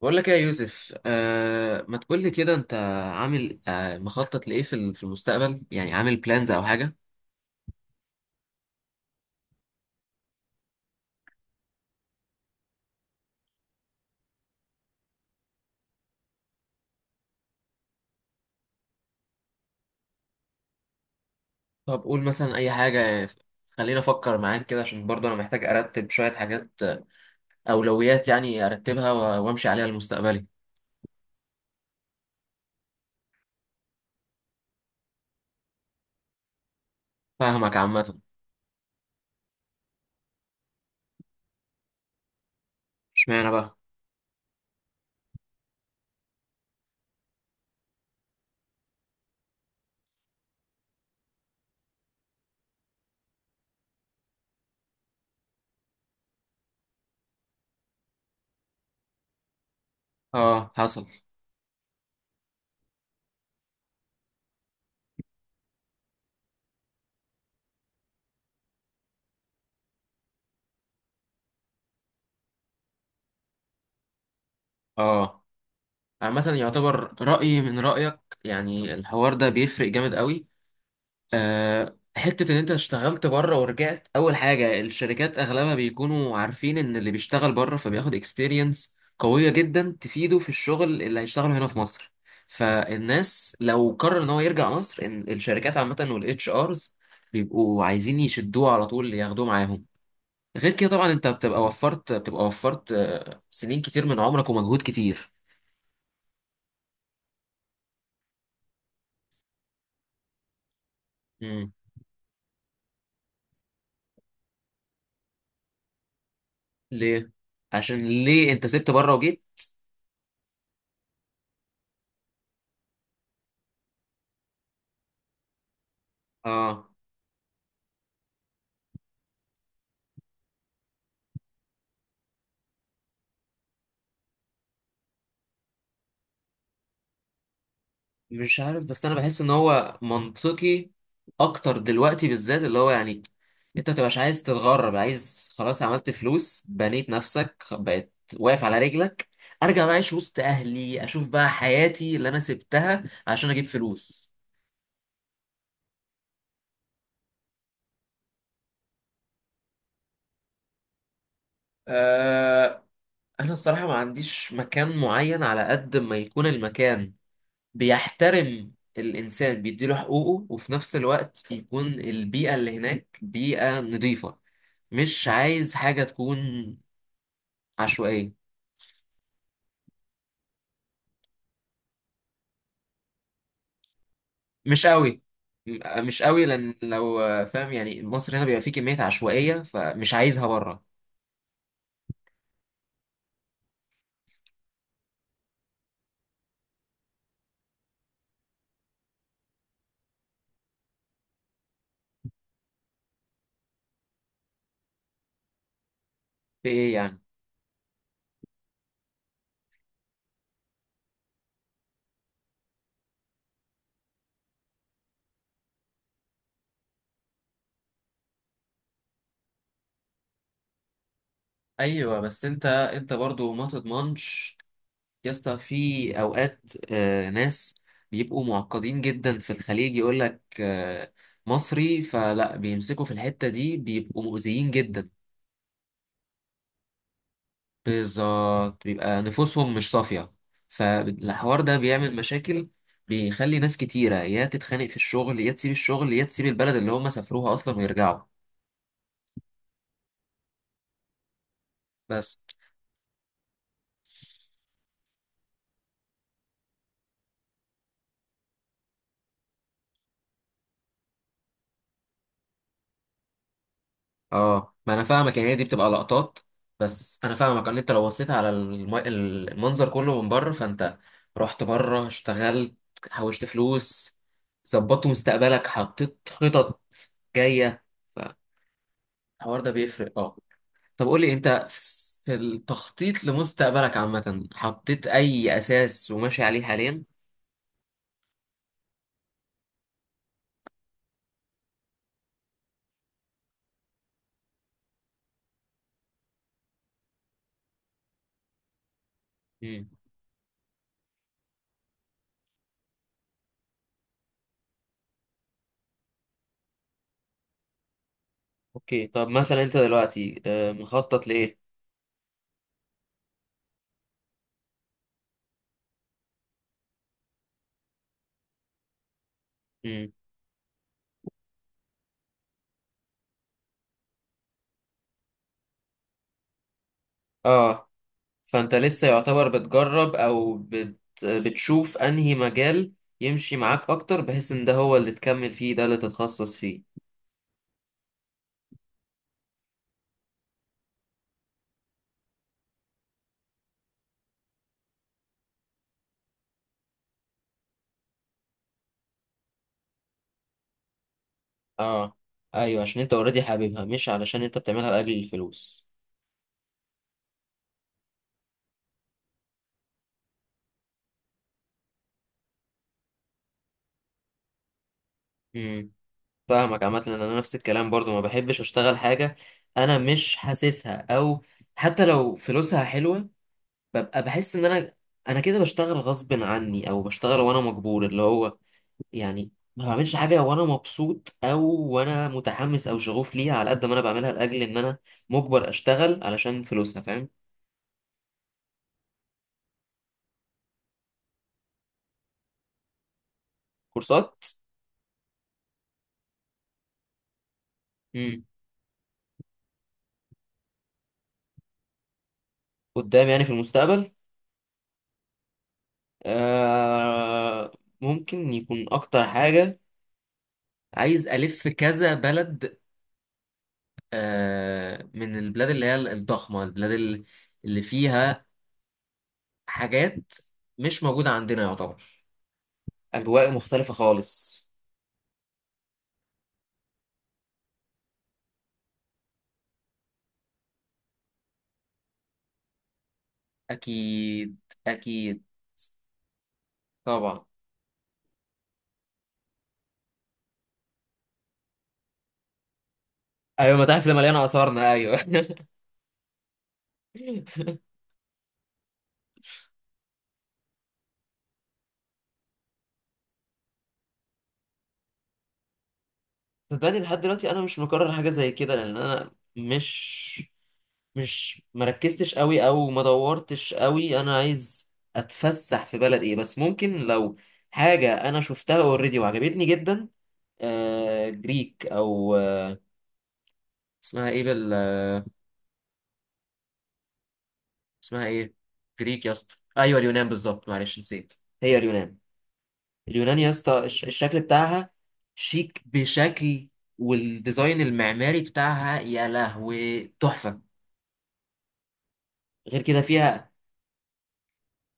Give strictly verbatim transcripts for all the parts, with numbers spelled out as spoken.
بقول لك ايه يا يوسف؟ آه، ما تقول لي كده. انت عامل آه مخطط لايه في ال- في المستقبل يعني؟ عامل بلانز او حاجه؟ طب قول مثلا اي حاجه، خلينا افكر معاك كده، عشان برضه انا محتاج ارتب شويه حاجات، آه، اولويات يعني، ارتبها و- وامشي عليها لمستقبلي. فاهمك عامه. اشمعنى بقى؟ اه، حصل. اه، عامه يعتبر رايي من رايك، يعني الحوار ده بيفرق جامد قوي. آه، حتة إن أنت اشتغلت بره ورجعت، أول حاجة الشركات أغلبها بيكونوا عارفين إن اللي بيشتغل بره فبياخد اكسبيرينس قوية جدا تفيده في الشغل اللي هيشتغله هنا في مصر. فالناس لو قرر إن هو يرجع مصر، إن الشركات عامة والاتش آرز بيبقوا عايزين يشدوه على طول، ياخدوه معاهم. غير كده طبعا أنت بتبقى وفرت، بتبقى وفرت، آه، سنين كتير من عمرك ومجهود كتير. مم. ليه؟ عشان ليه أنت سبت بره وجيت؟ آه، مش عارف، بس انا بحس ان هو منطقي اكتر دلوقتي، بالذات اللي هو يعني انت متبقاش عايز تتغرب، عايز خلاص، عملت فلوس، بنيت نفسك، خ- بقيت واقف على رجلك، ارجع بقى اعيش وسط اهلي، اشوف بقى حياتي اللي انا سبتها عشان اجيب فلوس. أه، انا الصراحة ما عنديش مكان معين، على قد ما يكون المكان بيحترم الانسان، بيديله حقوقه، وفي نفس الوقت يكون البيئة اللي هناك بيئة نظيفة. مش عايز حاجة تكون عشوائية، مش قوي. م- مش قوي، لأن لو فاهم يعني، مصر هنا بيبقى فيه كمية عشوائية، فمش عايزها بره. في إيه يعني؟ أيوة، بس أنت أنت برضو ما تضمنش يا اسطى، في أوقات آه ناس بيبقوا معقدين جدا في الخليج، يقول لك آه، مصري، فلا بيمسكوا في الحتة دي، بيبقوا مؤذيين جدا. بالظبط، بيبقى نفوسهم مش صافية، فالحوار ده بيعمل مشاكل، بيخلي ناس كتيرة يا تتخانق في الشغل، يا تسيب الشغل، يا تسيب البلد اللي هم سافروها أصلا ويرجعوا. بس اه، ما أنا فاهمك، يعني هي دي بتبقى لقطات. بس أنا فاهمك إن أنت لو بصيت على الم- المنظر كله من بره، فأنت رحت بره، اشتغلت، حوشت فلوس، ظبطت مستقبلك، حطيت خطط جاية، فالحوار ده بيفرق اه. طب قول لي انت، في التخطيط لمستقبلك عامة، حطيت اي اساس وماشي عليه حاليا؟ امم. اوكي، طب مثلا انت دلوقتي آه، مخطط لايه؟ امم. اه، فانت لسه يعتبر بتجرب او بت... بتشوف انهي مجال يمشي معاك اكتر، بحيث ان ده هو اللي تكمل فيه، ده اللي تتخصص فيه. اه، ايوه، عشان انت اوريدي حاببها، مش علشان انت بتعملها لاجل الفلوس. فاهمك عامة، ان انا نفس الكلام برضو، ما بحبش اشتغل حاجة انا مش حاسسها، او حتى لو فلوسها حلوة ببقى بحس ان انا، انا كده بشتغل غصب عني، او بشتغل وانا مجبور اللي هو يعني، ما بعملش حاجة وانا مبسوط، او وانا متحمس او شغوف ليها، على قد ما انا بعملها لاجل ان انا مجبر اشتغل علشان فلوسها، فاهم؟ كورسات. امم. قدام يعني، في المستقبل. آه، ممكن يكون اكتر حاجة، عايز الف كذا بلد، آه، من البلاد اللي هي الضخمة، البلاد ال- اللي فيها حاجات مش موجودة عندنا يعتبر، أجواء مختلفة خالص. أكيد، أكيد، طبعا. أيوة، المتاحف اللي مليانة آثارنا، أيوة. صدقني لحد دلوقتي أنا مش مكرر حاجة زي كده، لأن أنا مش مش مركزتش قوي، أو ما دورتش قوي أنا عايز أتفسح في بلد إيه. بس ممكن لو حاجة أنا شفتها أوريدي وعجبتني جدا، آه، جريك، أو اسمها ايه بال، اسمها ايه؟ جريك يا اسطى، ايوه اليونان بالظبط، معلش نسيت، هي اليونان. اليونان يا اسطى، الش- الشكل بتاعها شيك بشكل، والديزاين المعماري بتاعها يا لهوي تحفة. غير كده فيها،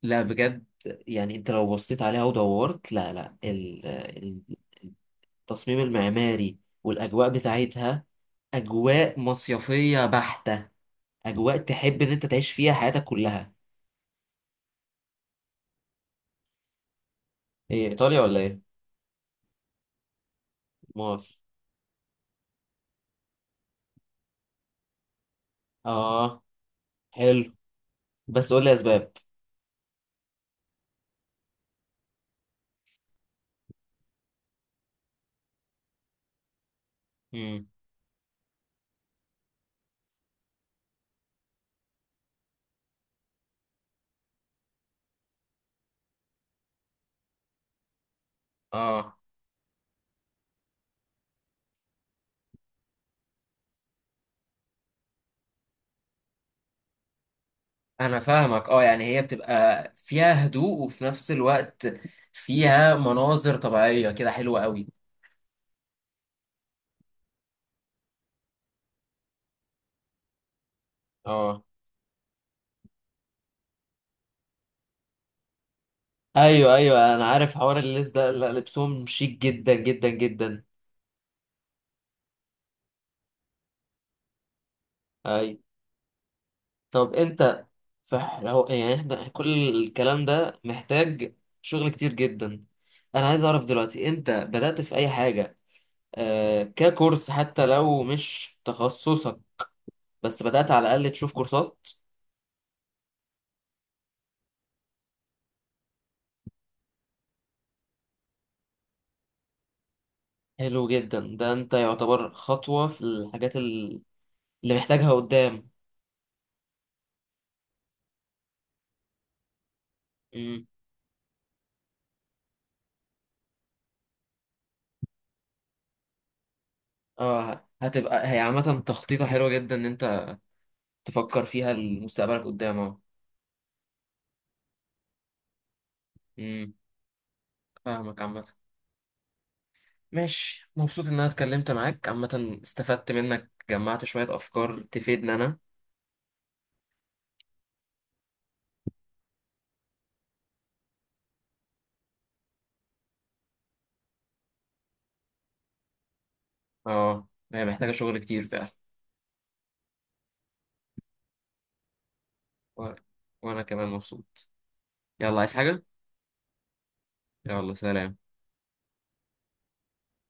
لا بجد، يعني انت لو بصيت عليها ودورت، لا لا ال... ال- التصميم المعماري والاجواء بتاعتها، اجواء مصيفية بحتة، اجواء تحب ان انت تعيش فيها حياتك كلها. ايه ايطاليا ولا ايه؟ مار، اه حلو. بس قول لي اسباب. امم. اه انا فاهمك، اه يعني هي بتبقى فيها هدوء، وفي نفس الوقت فيها مناظر طبيعية كده حلوة قوي. اه، ايوه ايوه، انا عارف حوار اللبس ده، لا لبسهم شيك جدا جدا جدا. اي. طب انت، فلو يعني، احنا كل الكلام ده محتاج شغل كتير جدا. انا عايز اعرف دلوقتي، انت بدأت في اي حاجة آه ككورس، حتى لو مش تخصصك، بس بدأت على الأقل تشوف كورسات؟ حلو جدا ده، أنت يعتبر خطوة في الحاجات ال- اللي محتاجها قدام. مم. اه، هتبقى هي عامة تخطيطة حلوة جدا إن أنت تفكر فيها لمستقبلك قدام، اه. مم. فاهمك عامة. ماشي، مبسوط إن أنا اتكلمت معاك عامة، استفدت منك، جمعت شوية أفكار تفيدني أنا. اه، هي محتاجة شغل كتير فعلا. وأنا، وأنا كمان مبسوط. يلا، عايز حاجة؟ يلا، سلام.